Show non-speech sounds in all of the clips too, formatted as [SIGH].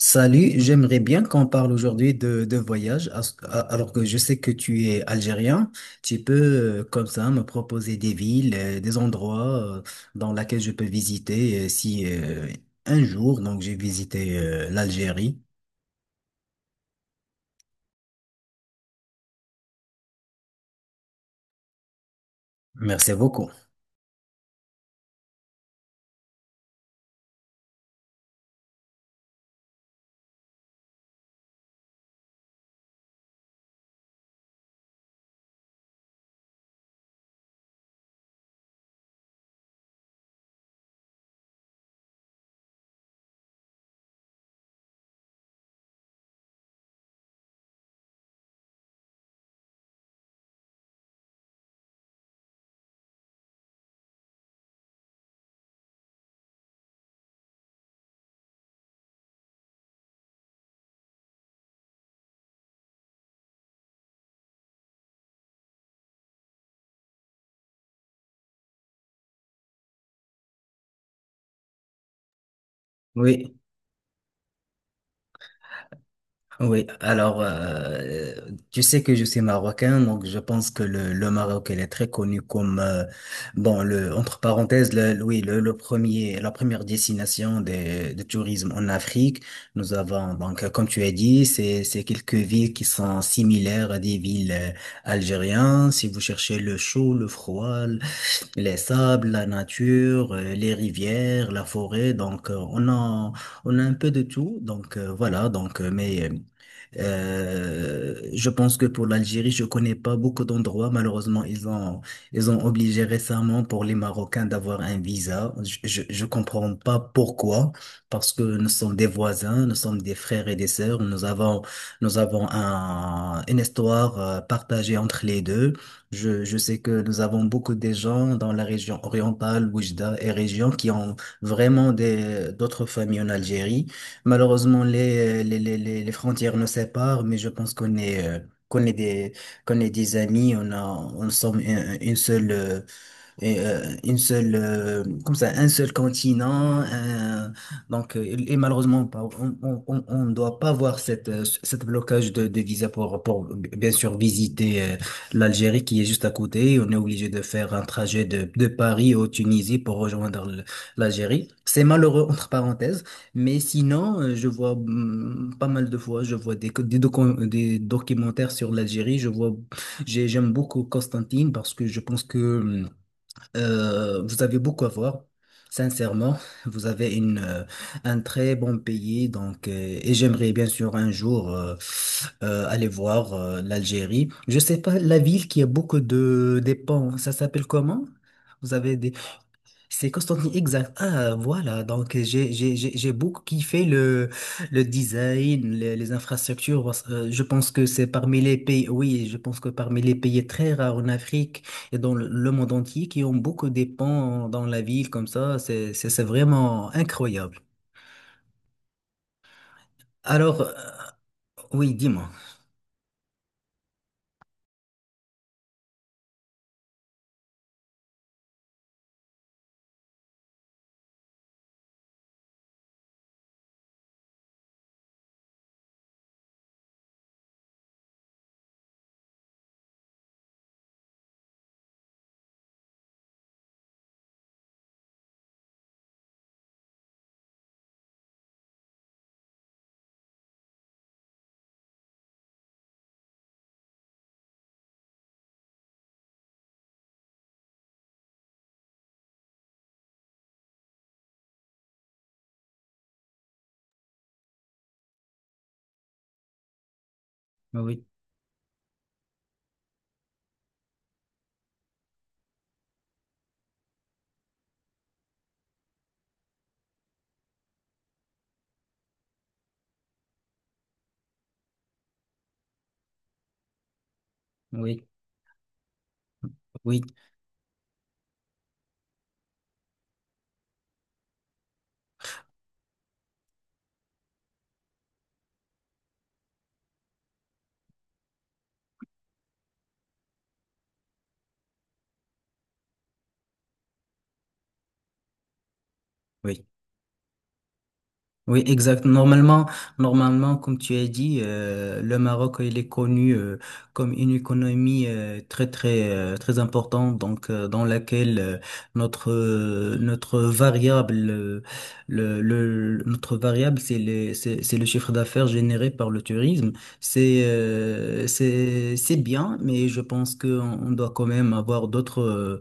Salut, j'aimerais bien qu'on parle aujourd'hui de voyage, alors que je sais que tu es algérien. Tu peux, comme ça, me proposer des villes, des endroits dans lesquels je peux visiter, si un jour, donc j'ai visité l'Algérie. Merci beaucoup. Oui. Oui, alors, tu sais que je suis marocain, donc je pense que le Maroc il est très connu comme, bon, le, entre parenthèses, oui, le premier la première destination de tourisme en Afrique. Nous avons donc, comme tu as dit, c'est quelques villes qui sont similaires à des villes algériennes. Si vous cherchez le chaud, le froid, les sables, la nature, les rivières, la forêt, donc, on a un peu de tout. Donc, voilà, donc je pense que pour l'Algérie, je connais pas beaucoup d'endroits. Malheureusement, ils ont obligé récemment pour les Marocains d'avoir un visa. Je comprends pas pourquoi, parce que nous sommes des voisins, nous sommes des frères et des sœurs. Nous avons une histoire partagée entre les deux. Je sais que nous avons beaucoup de gens dans la région orientale, Oujda et région, qui ont vraiment d'autres familles en Algérie. Malheureusement, les frontières nous séparent, mais je pense qu'on est des, qu'on est des amis. On on sommes une seule, comme ça, un seul continent. Donc, et malheureusement, on ne doit pas voir cette blocage de visa pour, bien sûr, visiter l'Algérie qui est juste à côté. On est obligé de faire un trajet de Paris au Tunisie pour rejoindre l'Algérie. C'est malheureux, entre parenthèses. Mais sinon, je vois, pas mal de fois, je vois des documentaires sur l'Algérie. Je vois, j'aime beaucoup Constantine parce que je pense que, vous avez beaucoup à voir. Sincèrement, [LAUGHS] vous avez un très bon pays, donc, et j'aimerais bien sûr un jour aller voir l'Algérie. Je sais pas, la ville qui a beaucoup de des ponts, ça s'appelle comment? Vous avez des C'est Constantine, exact. Ah, voilà. Donc, j'ai beaucoup kiffé le design, les infrastructures. Je pense que c'est parmi les pays, oui, je pense que parmi les pays très rares en Afrique et dans le monde entier qui ont beaucoup de ponts dans la ville comme ça. C'est vraiment incroyable. Alors, oui, dis-moi. Oui, oui, oui, oui. Oui, exact. Normalement, comme tu as dit, le Maroc, il est connu comme une économie, très très très importante, donc, dans laquelle, notre euh, notre variable euh, notre variable c'est le chiffre d'affaires généré par le tourisme. C'est, c'est bien, mais je pense que on doit quand même avoir d'autres,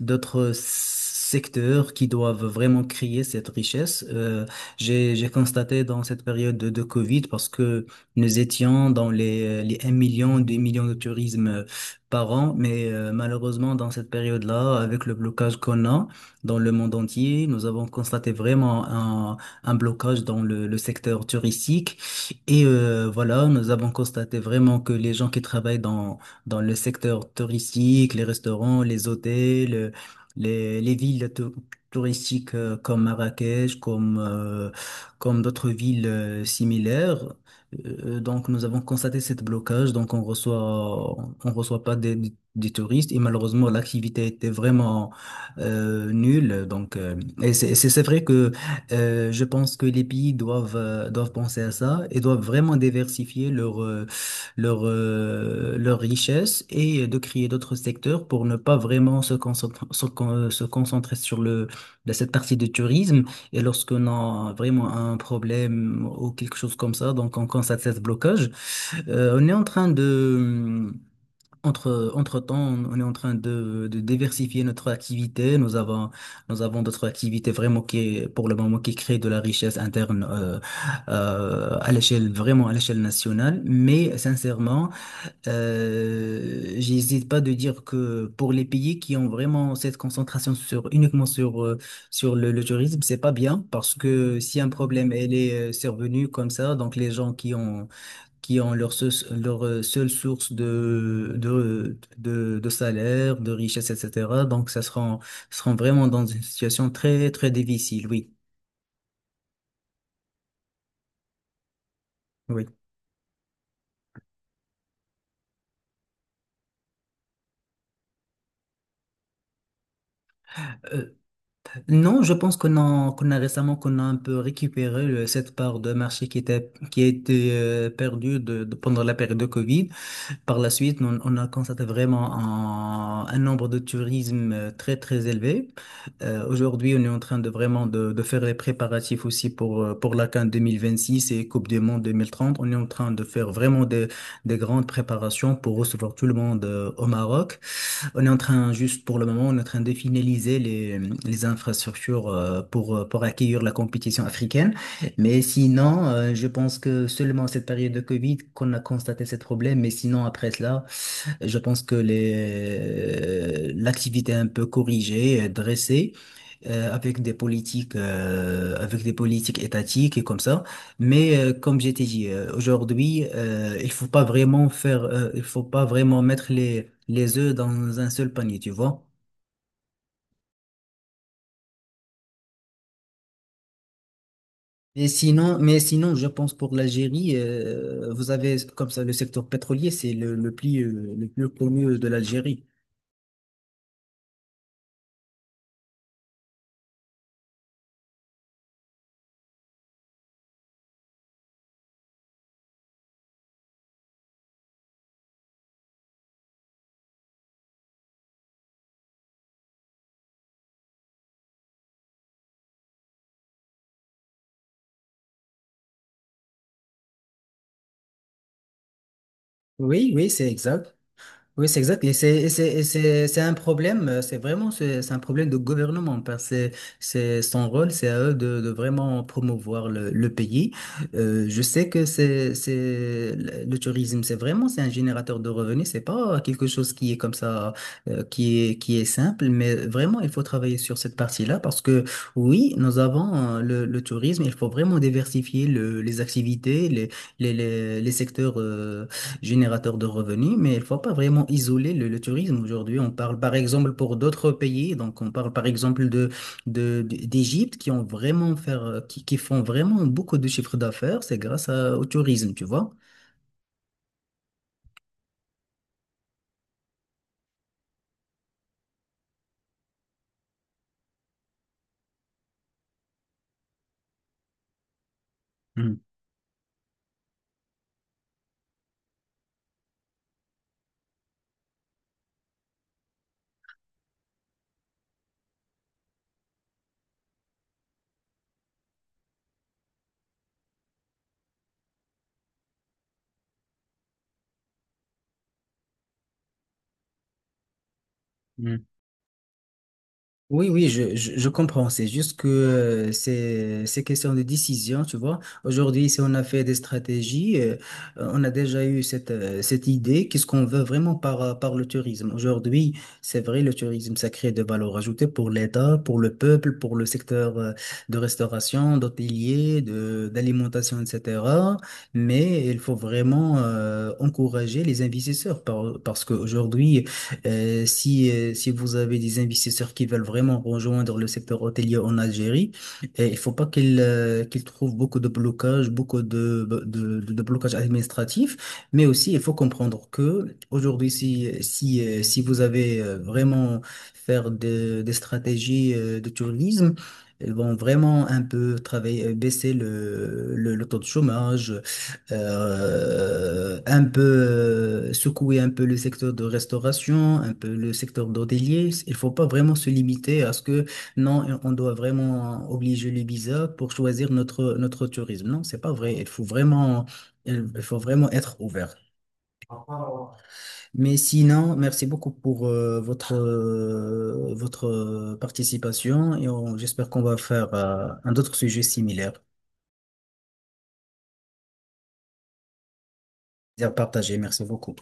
d'autres secteurs qui doivent vraiment créer cette richesse. J'ai constaté dans cette période de Covid, parce que nous étions dans les 1 million, 2 millions de tourisme par an, mais, malheureusement, dans cette période-là, avec le blocage qu'on a dans le monde entier, nous avons constaté vraiment un blocage dans le secteur touristique. Et, voilà, nous avons constaté vraiment que les gens qui travaillent dans le secteur touristique, les restaurants, les hôtels, les villes touristiques comme Marrakech, comme d'autres villes similaires. Donc, nous avons constaté cette blocage. Donc, on reçoit pas des touristes et malheureusement, l'activité était vraiment nulle. Donc, et c'est vrai que, je pense que les pays doivent, doivent penser à ça et doivent vraiment diversifier leur, leur richesse et de créer d'autres secteurs pour ne pas vraiment se concentrer, se concentrer sur le de cette partie du tourisme, et lorsqu'on a vraiment un problème ou quelque chose comme ça, donc on constate ce blocage. On est en train de, entre, Entre-temps, on est en train de diversifier notre activité. Nous avons d'autres activités vraiment qui, pour le moment, qui créent de la richesse interne, vraiment à l'échelle nationale. Mais sincèrement, j'hésite pas de dire que pour les pays qui ont vraiment cette concentration sur uniquement sur sur le tourisme, c'est pas bien, parce que si un problème elle est, survenu comme ça, donc les gens qui ont leur seule source de salaire, de richesse, etc. Donc ça sera seront vraiment dans une situation très très difficile. Oui, oui. Non, je pense qu'on a récemment, qu'on a un peu récupéré cette part de marché qui a été, perdue, pendant la période de Covid. Par la suite, on a constaté vraiment un nombre de tourisme très très élevé. Aujourd'hui, on est en train de vraiment de faire les préparatifs aussi pour, pour la CAN 2026 et Coupe du Monde 2030. On est en train de faire vraiment des grandes préparations pour recevoir tout le monde, au Maroc. On est en train, juste pour le moment, on est en train de finaliser les infrastructures, pour accueillir la compétition africaine. Mais sinon, je pense que seulement cette période de Covid qu'on a constaté ce problème. Mais sinon, après cela, je pense que l'activité un peu corrigée, dressée, avec des politiques étatiques et comme ça. Mais, comme j'ai dit, aujourd'hui, il faut pas vraiment mettre les œufs dans un seul panier, tu vois. Mais sinon, je pense pour l'Algérie, vous avez comme ça le secteur pétrolier, c'est le plus connu de l'Algérie. Oui, oui, c'est exact. Oui, c'est exact. Et c'est un problème, c'est vraiment c'est un problème de gouvernement, parce que c'est son rôle, c'est à eux de vraiment promouvoir le pays. Je sais que c'est le tourisme, c'est un générateur de revenus, c'est pas quelque chose qui est comme ça, qui est simple, mais vraiment il faut travailler sur cette partie-là, parce que oui, nous avons, le tourisme, il faut vraiment diversifier les activités, les les secteurs, générateur de revenus, mais il ne faut pas vraiment isoler le tourisme. Aujourd'hui, on parle par exemple pour d'autres pays, donc on parle par exemple d'Égypte qui ont vraiment faire, qui font vraiment beaucoup de chiffres d'affaires, c'est grâce au tourisme, tu vois. Mm, mm. Oui, oui, je comprends. C'est juste que, c'est question de décision, tu vois. Aujourd'hui, si on a fait des stratégies, on a déjà eu cette, cette idée, qu'est-ce qu'on veut vraiment par le tourisme. Aujourd'hui, c'est vrai, le tourisme, ça crée de valeur ajoutée pour l'État, pour le peuple, pour le secteur de restauration, d'hôtelier, d'alimentation, etc. Mais il faut vraiment, encourager les investisseurs, parce qu'aujourd'hui, si, si vous avez des investisseurs qui veulent vraiment rejoindre le secteur hôtelier en Algérie, il faut pas qu'ils trouvent beaucoup de blocages, beaucoup de blocages administratifs, mais aussi il faut comprendre que aujourd'hui, si vous avez, vraiment faire des stratégies de tourisme, elles vont vraiment un peu travailler, baisser le taux de chômage, un peu, secouer un peu le secteur de restauration, un peu le secteur d'hôtelier. Il faut pas vraiment se limiter à ce que non, on doit vraiment obliger le visa pour choisir notre tourisme. Non, c'est pas vrai. Il faut vraiment, il faut vraiment être ouvert. Mais sinon, merci beaucoup pour votre participation, et j'espère qu'on va faire un autre sujet similaire. Plaisir partagé. Merci beaucoup.